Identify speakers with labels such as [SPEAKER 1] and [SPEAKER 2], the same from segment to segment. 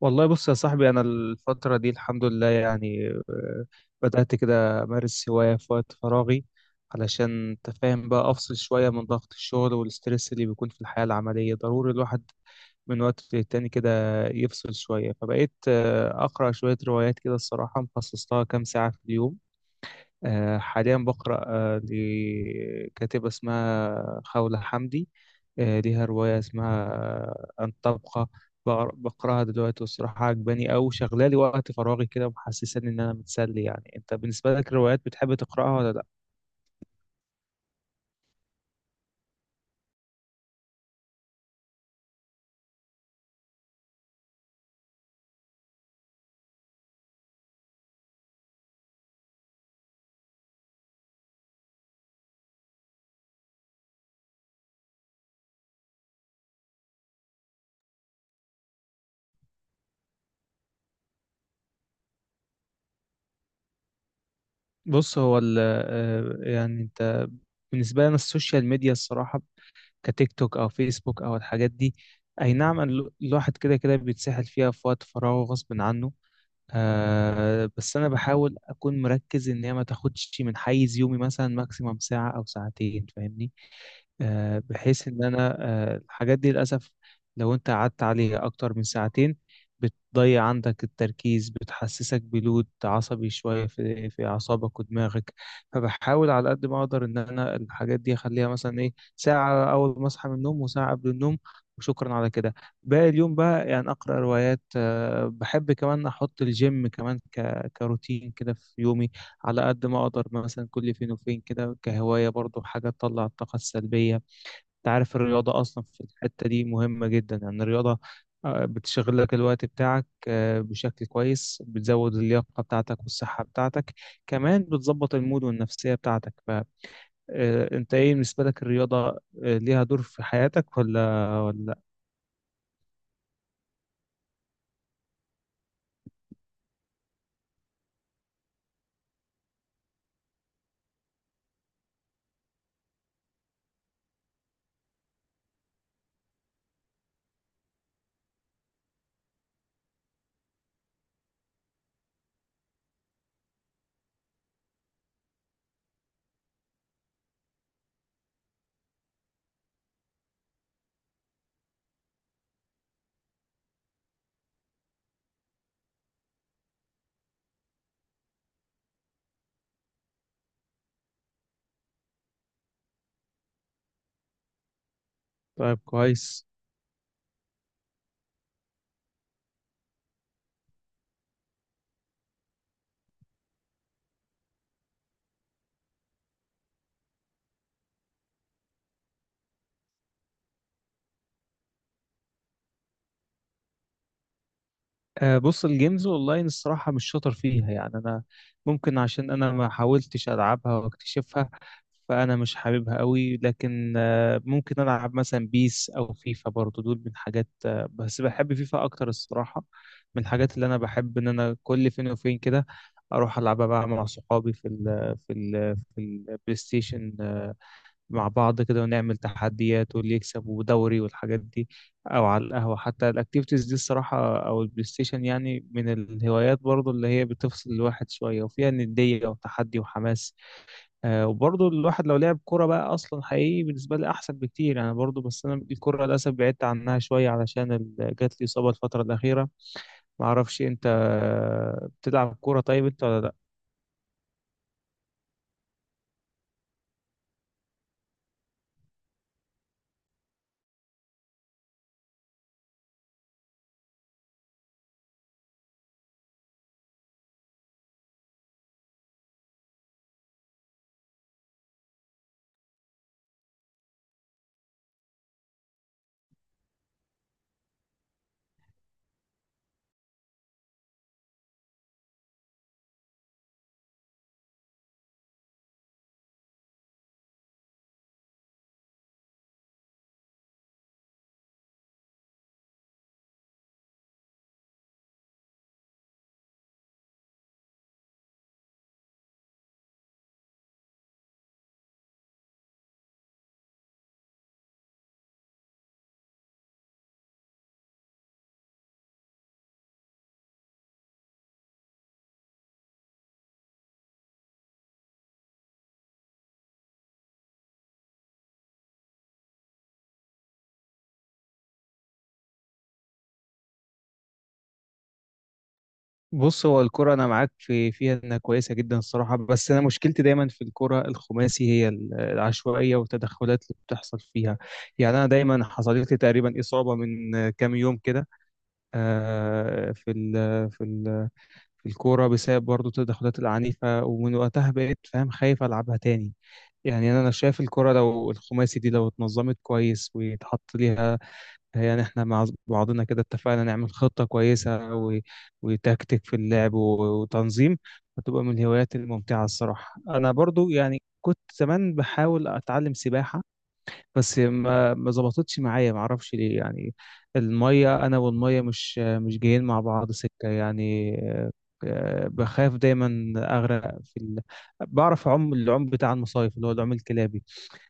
[SPEAKER 1] والله بص يا صاحبي، أنا الفترة دي الحمد لله يعني بدأت كده أمارس هواية في وقت فراغي. علشان أنت فاهم بقى أفصل شوية من ضغط الشغل والسترس اللي بيكون في الحياة العملية، ضروري الواحد من وقت للتاني كده يفصل شوية. فبقيت أقرأ شوية روايات كده، الصراحة مخصص لها كام ساعة في اليوم. حاليا بقرأ لكاتبة اسمها خولة حمدي. ليها رواية اسمها أن تبقى. بقراها دلوقتي، والصراحة عجباني أوي، شغلالي وقت فراغي كده ومحسساني إن أنا متسلي. يعني أنت بالنسبة لك الروايات بتحب تقرأها ولا لأ؟ بص هو ال يعني أنت بالنسبة لنا السوشيال ميديا، الصراحة كتيك توك أو فيسبوك أو الحاجات دي، أي نعم الواحد كده كده بيتسحل فيها في وقت فراغه غصب عنه. آه بس أنا بحاول أكون مركز إن هي ما تاخدش من حيز يومي، مثلا ماكسيمم ساعة أو ساعتين، فاهمني؟ بحيث ان انا، الحاجات دي للاسف لو انت قعدت عليها اكتر من ساعتين، بتضيع عندك التركيز، بتحسسك بلود عصبي شوية في اعصابك ودماغك. فبحاول على قد ما اقدر ان انا الحاجات دي اخليها مثلا ايه، ساعة اول ما اصحى من النوم وساعة قبل النوم، وشكرا على كده. باقي اليوم بقى يعني اقرا روايات، بحب كمان احط الجيم كمان ك... كروتين كده في يومي، على قد ما اقدر، مثلا كل فين وفين كده، كهواية برضو، حاجة تطلع الطاقة السلبية. انت عارف الرياضة أصلا في الحتة دي مهمة جدا، يعني الرياضة بتشغل لك الوقت بتاعك بشكل كويس، بتزود اللياقة بتاعتك والصحة بتاعتك، كمان بتظبط المود والنفسية بتاعتك. فأنت إيه بالنسبة لك الرياضة ليها دور في حياتك ولا طيب كويس. بص الجيمز اونلاين الصراحه مش شاطر فيها يعني انا. ممكن عشان انا ما حاولتش العبها واكتشفها، فانا مش حاببها قوي. لكن ممكن العب مثلا بيس او فيفا، برضو دول من حاجات بس بحب فيفا اكتر الصراحه. من الحاجات اللي انا بحب ان انا كل فين وفين كده اروح العبها بقى مع صحابي في ال في ال في البلاي ستيشن مع بعض كده، ونعمل تحديات واللي يكسب ودوري والحاجات دي، او على القهوة حتى. الاكتيفيتيز دي الصراحة او البلاي ستيشن يعني من الهوايات برضو اللي هي بتفصل الواحد شوية وفيها ندية وتحدي وحماس. آه وبرضو الواحد لو لعب كرة بقى اصلا حقيقي بالنسبة لي احسن بكتير. انا برضو بس انا الكرة للاسف بعدت عنها شوية علشان جات لي اصابة الفترة الاخيرة. معرفش انت بتلعب كرة طيب انت ولا لا؟ بص هو الكرة أنا معاك في فيها إنها كويسة جدا الصراحة، بس أنا مشكلتي دايما في الكرة الخماسي هي العشوائية والتدخلات اللي بتحصل فيها. يعني أنا دايما حصلت لي تقريبا إصابة من كام يوم كده آه، في ال آه، في ال آه، في الكورة، بسبب برضو التدخلات العنيفة، ومن وقتها بقيت فاهم خايف ألعبها تاني. يعني أنا شايف الكرة لو الخماسي دي لو اتنظمت كويس ويتحط ليها، هي يعني احنا مع بعضنا كده اتفقنا نعمل خطة كويسة و... وتكتيك في اللعب و... وتنظيم، هتبقى من الهوايات الممتعة الصراحة. أنا برضو يعني كنت زمان بحاول أتعلم سباحة، بس ما ظبطتش معايا، ما أعرفش ليه يعني. المية أنا والمية مش جايين مع بعض سكة يعني. بخاف دايما أغرق في ال... بعرف أعوم العوم بتاع المصايف، اللي هو العوم الكلابي.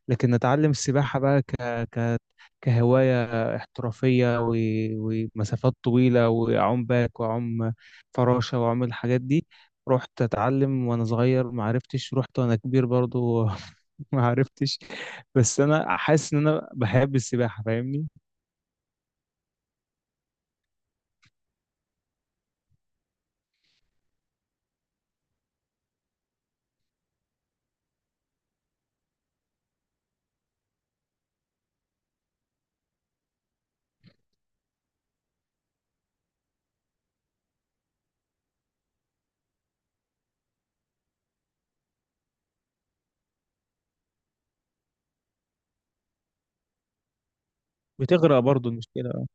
[SPEAKER 1] لكن اتعلم السباحة بقى ك... ك... كهواية احترافية و... ومسافات طويلة، واعوم باك واعوم فراشة واعوم الحاجات دي، رحت اتعلم وانا صغير ما عرفتش، رحت وانا كبير برضو ما عرفتش. بس انا حاسس ان انا بحب السباحة، فاهمني؟ بتغرق برضو المشكلة.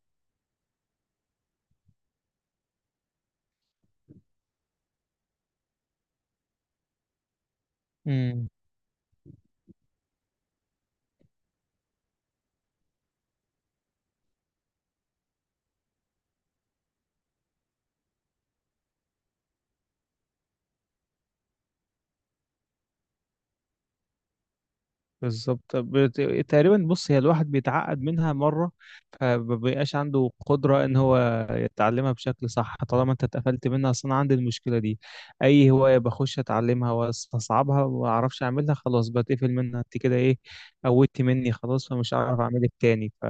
[SPEAKER 1] بالظبط. تقريبا بص هي الواحد بيتعقد منها مرة فمبيبقاش عنده قدرة ان هو يتعلمها بشكل صح، طالما انت اتقفلت منها. اصلا عندي المشكلة دي، اي هواية بخش اتعلمها واستصعبها وما اعرفش اعملها، خلاص بتقفل منها. انت كده ايه، قوتت مني خلاص فمش هعرف اعملك تاني. ف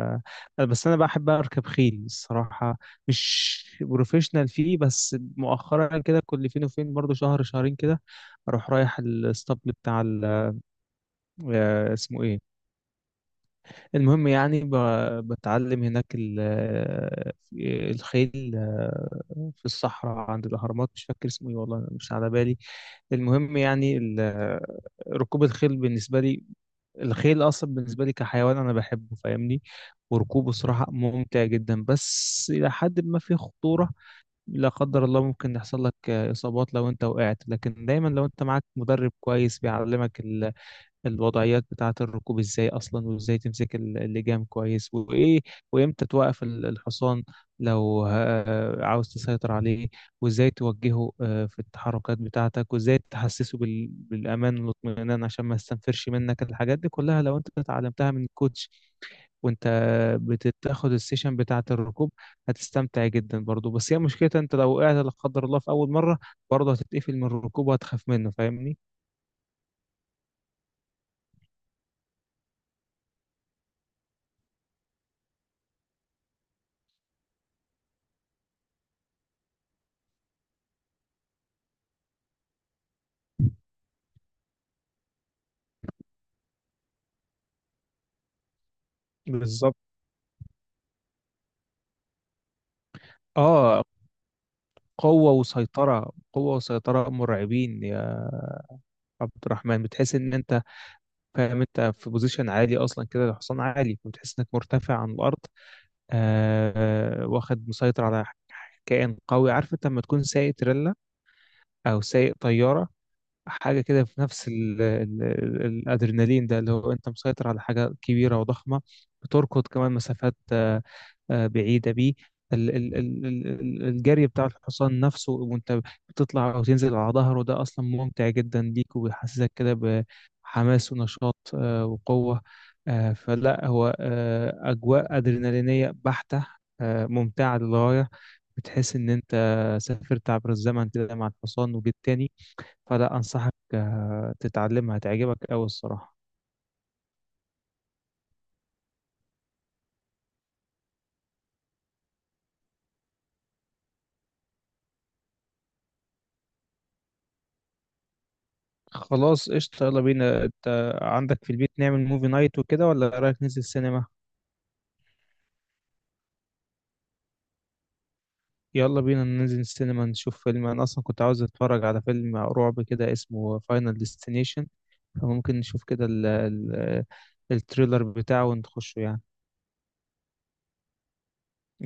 [SPEAKER 1] بس انا بحب اركب خيل الصراحة، مش بروفيشنال فيه، بس مؤخرا كده كل فين وفين برضه شهر شهرين كده اروح رايح الاسطبل بتاع اسمه ايه، المهم يعني بتعلم هناك الخيل في الصحراء عند الأهرامات، مش فاكر اسمه ايه والله مش على بالي. المهم يعني ركوب الخيل بالنسبة لي، الخيل أصلا بالنسبة لي كحيوان أنا بحبه فاهمني، وركوبه صراحة ممتع جدا، بس إلى حد ما في خطورة. لا قدر الله ممكن يحصل لك إصابات لو أنت وقعت، لكن دايما لو أنت معاك مدرب كويس بيعلمك الوضعيات بتاعة الركوب ازاي اصلا، وازاي تمسك اللجام كويس وايه، وامتى توقف الحصان لو عاوز تسيطر عليه، وازاي توجهه في التحركات بتاعتك، وازاي تحسسه بالامان والاطمئنان عشان ما يستنفرش منك، الحاجات دي كلها لو انت اتعلمتها من الكوتش وانت بتاخد السيشن بتاعة الركوب هتستمتع جدا برضو. بس هي مشكلتها انت لو وقعت لا قدر الله في اول مرة، برضه هتتقفل من الركوب وهتخاف منه، فاهمني؟ بالظبط. اه، قوة وسيطرة، قوة وسيطرة مرعبين يا عبد الرحمن. بتحس ان انت فاهم انت في بوزيشن عالي اصلا كده، الحصان عالي فبتحس انك مرتفع عن الارض، آه واخد مسيطر على كائن قوي. عارف انت لما تكون سايق تريلا او سايق طيارة، حاجة كده في نفس ال ال ال الأدرينالين ده، اللي هو أنت مسيطر على حاجة كبيرة وضخمة، بتركض كمان مسافات بعيدة بيه. الجري بتاع الحصان نفسه وأنت بتطلع أو تنزل على ظهره ده أصلا ممتع جدا ليك، وبيحسسك كده بحماس ونشاط وقوة. فلا هو أجواء أدرينالينية بحتة، ممتعة للغاية. بتحس إن أنت سافرت عبر الزمن كده مع الحصان وجيت تاني. فلا انصحك تتعلمها هتعجبك قوي الصراحه. خلاص قشطة، يلا بينا. انت عندك في البيت نعمل موفي نايت وكده، ولا رايك ننزل السينما؟ يلا بينا ننزل السينما نشوف فيلم. انا اصلا كنت عاوز اتفرج على فيلم رعب كده اسمه فاينل ديستنيشن، فممكن نشوف كده ال ال التريلر بتاعه ونخشه يعني.